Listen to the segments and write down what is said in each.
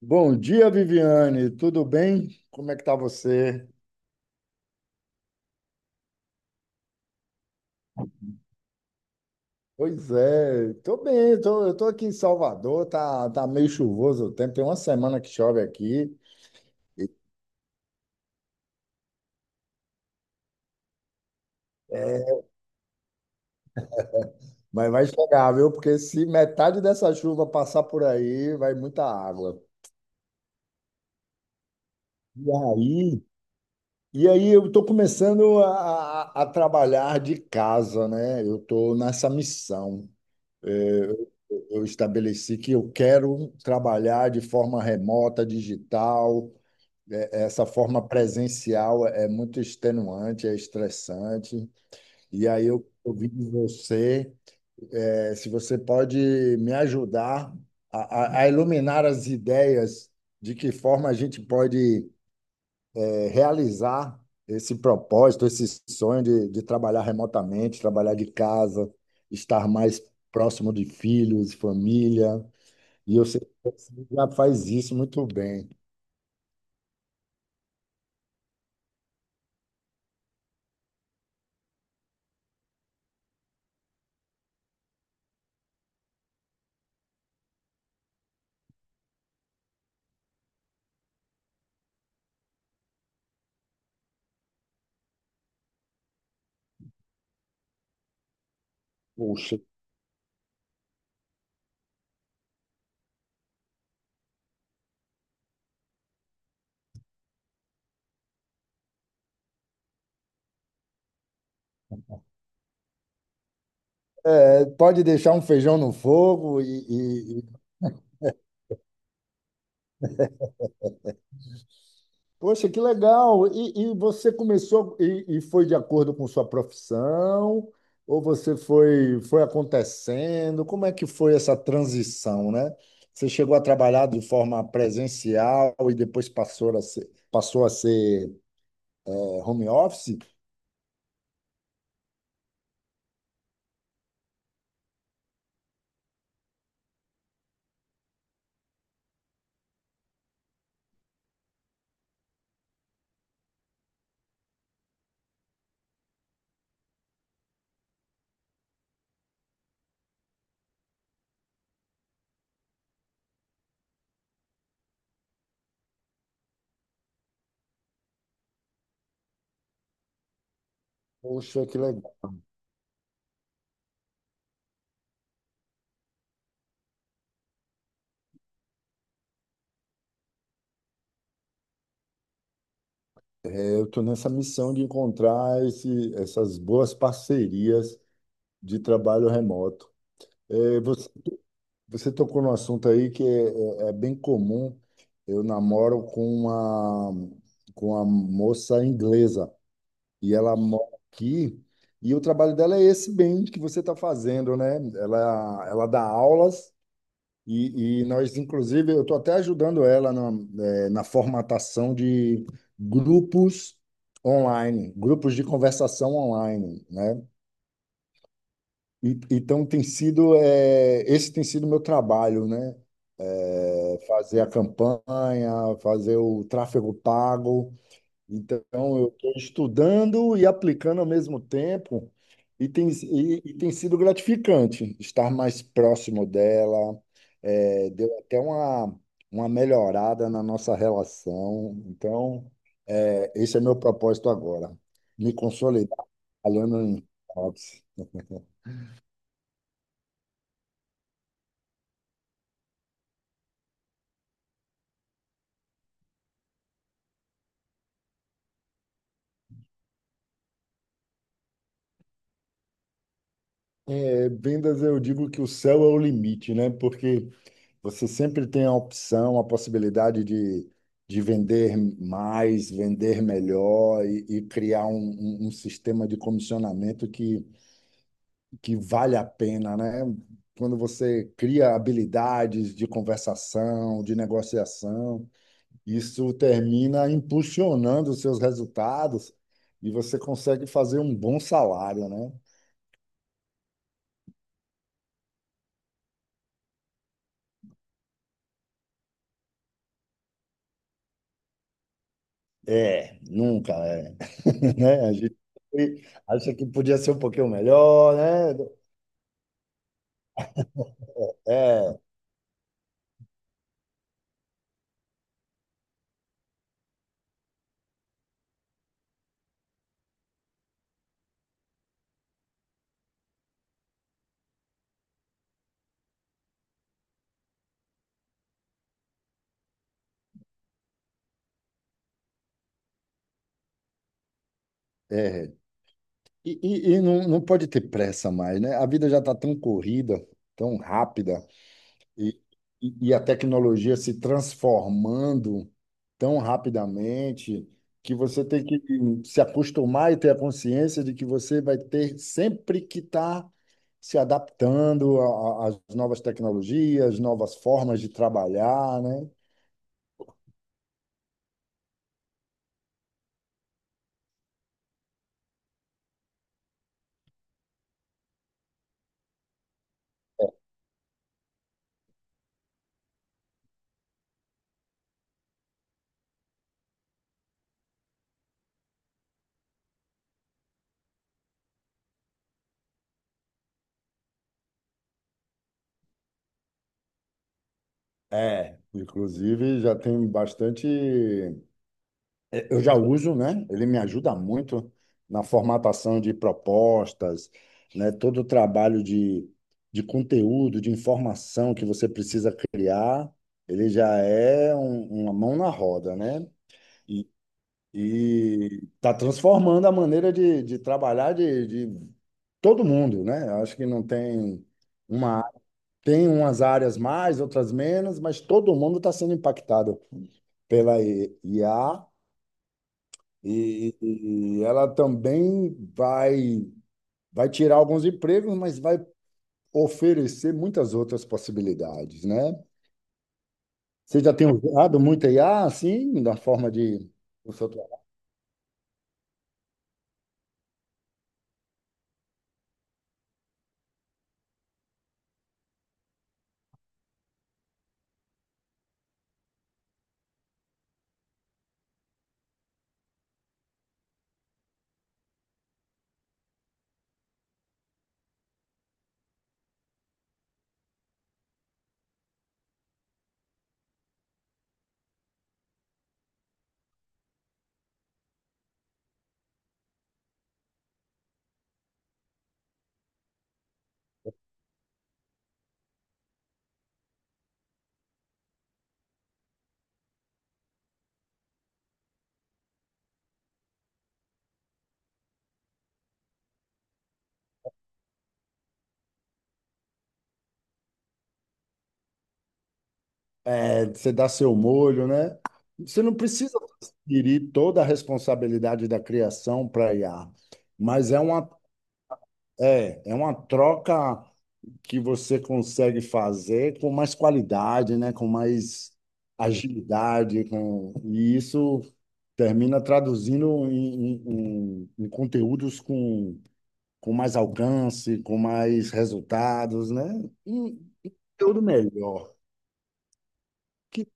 Bom dia, Viviane. Tudo bem? Como é que tá você? Pois é, tô bem, eu tô aqui em Salvador, tá meio chuvoso o tempo, tem uma semana que chove aqui. É, mas vai chegar, viu? Porque se metade dessa chuva passar por aí, vai muita água. E aí, e aí, eu estou começando a trabalhar de casa, né? Eu estou nessa missão. É, eu estabeleci que eu quero trabalhar de forma remota, digital. Essa forma presencial é muito extenuante, é estressante. E aí eu ouvi de você, é, se você pode me ajudar a iluminar as ideias de que forma a gente pode realizar esse propósito, esse sonho de trabalhar remotamente, trabalhar de casa, estar mais próximo de filhos, família. E eu sei que já faz isso muito bem. Poxa. É, pode deixar um feijão no fogo e... Poxa, que legal! E você começou e foi de acordo com sua profissão? Ou você foi acontecendo? Como é que foi essa transição, né? Você chegou a trabalhar de forma presencial e depois passou a ser home office? Poxa, que legal! É, eu estou nessa missão de encontrar essas boas parcerias de trabalho remoto. É, Você tocou num assunto aí que é bem comum. Eu namoro com uma moça inglesa e ela mora aqui. E o trabalho dela é esse bem que você está fazendo, né? Ela dá aulas e nós, inclusive, eu estou até ajudando ela na formatação de grupos online, grupos de conversação online, né? Então esse tem sido o meu trabalho, né? É, fazer a campanha, fazer o tráfego pago. Então eu estou estudando e aplicando ao mesmo tempo e tem sido gratificante estar mais próximo dela. É, deu até uma melhorada na nossa relação. Então é, esse é meu propósito agora, me consolidar trabalhando em. Ops. É, vendas, eu digo que o céu é o limite, né? Porque você sempre tem a opção, a possibilidade de vender mais, vender melhor e criar um sistema de comissionamento que vale a pena, né? Quando você cria habilidades de conversação, de negociação, isso termina impulsionando os seus resultados e você consegue fazer um bom salário, né? É, nunca, é. Né? A gente sempre acha que podia ser um pouquinho melhor, né? É, é. E não, não pode ter pressa mais, né? A vida já está tão corrida, tão rápida, e, e a tecnologia se transformando tão rapidamente que você tem que se acostumar e ter a consciência de que você vai ter sempre que estar se adaptando às novas tecnologias, novas formas de trabalhar, né? É, inclusive já tem bastante. Eu já uso, né? Ele me ajuda muito na formatação de propostas, né? Todo o trabalho de conteúdo, de informação que você precisa criar, ele já é uma mão na roda, né? E e está transformando a maneira de trabalhar de todo mundo, né? Eu acho que não tem uma, tem umas áreas mais, outras menos, mas todo mundo está sendo impactado pela IA e ela também vai, tirar alguns empregos, mas vai oferecer muitas outras possibilidades, né? Você já tem usado muita IA, assim, da forma de... o seu tra- é, Você dá seu molho, né? Você não precisa transferir toda a responsabilidade da criação para IA, mas é uma troca que você consegue fazer com mais qualidade, né? Com mais agilidade, com, e isso termina traduzindo em conteúdos com mais alcance, com mais resultados, né? E tudo melhor. Que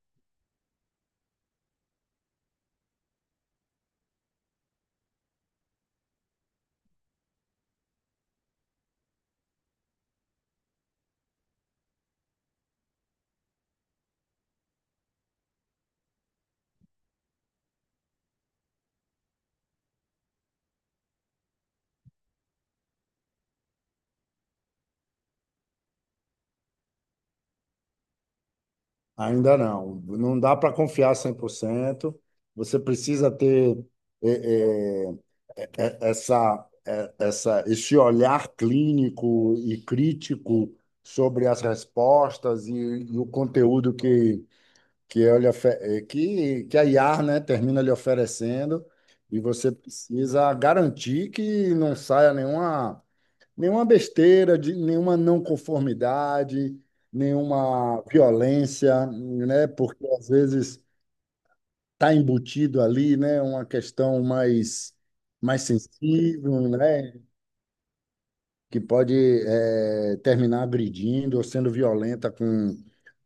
ainda não, não dá para confiar 100%. Você precisa ter é, é, esse olhar clínico e crítico sobre as respostas e o conteúdo que a IAR, né, termina lhe oferecendo, e você precisa garantir que não saia nenhuma besteira, de, nenhuma não conformidade, nenhuma violência, né, porque às vezes está embutido ali, né, uma questão mais sensível, né? Que pode terminar agredindo ou sendo violenta com,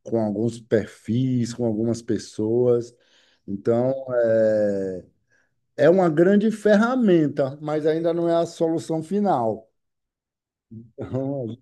com alguns perfis, com algumas pessoas. Então, é uma grande ferramenta, mas ainda não é a solução final. Então,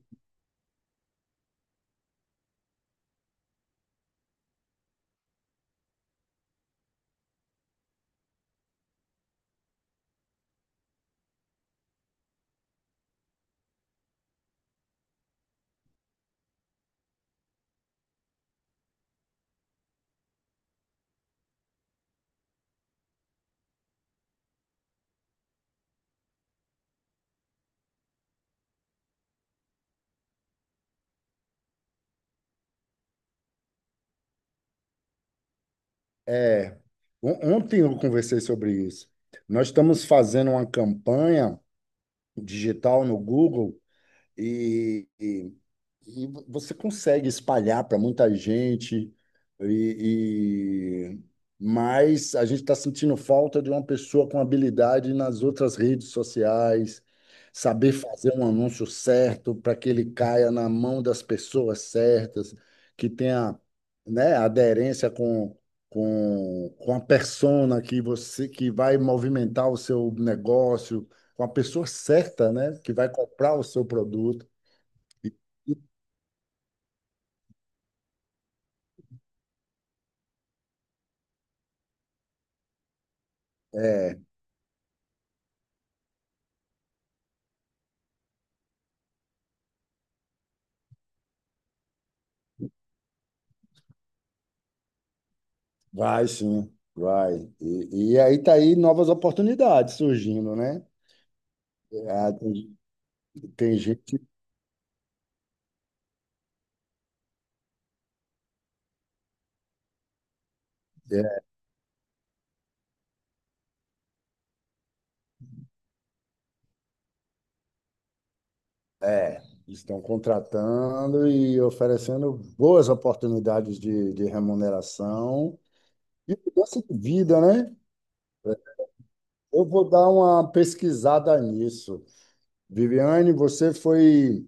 é, ontem eu conversei sobre isso. Nós estamos fazendo uma campanha digital no Google. E, e, e você consegue espalhar para muita gente, e, e- mas a gente está sentindo falta de uma pessoa com habilidade nas outras redes sociais, saber fazer um anúncio certo para que ele caia na mão das pessoas certas, que tenha, né, aderência com a persona que você que vai movimentar o seu negócio com a pessoa certa, né? Que vai comprar o seu produto. E- É, vai sim, vai. E aí tá aí novas oportunidades surgindo, né? Ah, tem gente é, estão contratando e oferecendo boas oportunidades de remuneração e mudança de vida, né? Eu vou dar uma pesquisada nisso. Viviane, você foi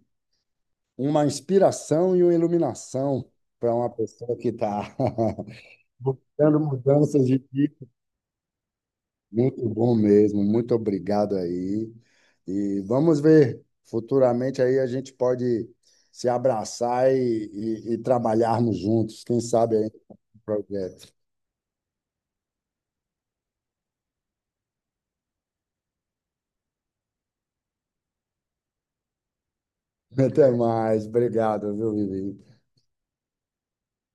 uma inspiração e uma iluminação para uma pessoa que está buscando mudanças de vida. Muito bom mesmo, muito obrigado aí. E vamos ver, futuramente aí a gente pode se abraçar e trabalharmos juntos, quem sabe aí no projeto. Até mais, obrigado, viu, Vivi?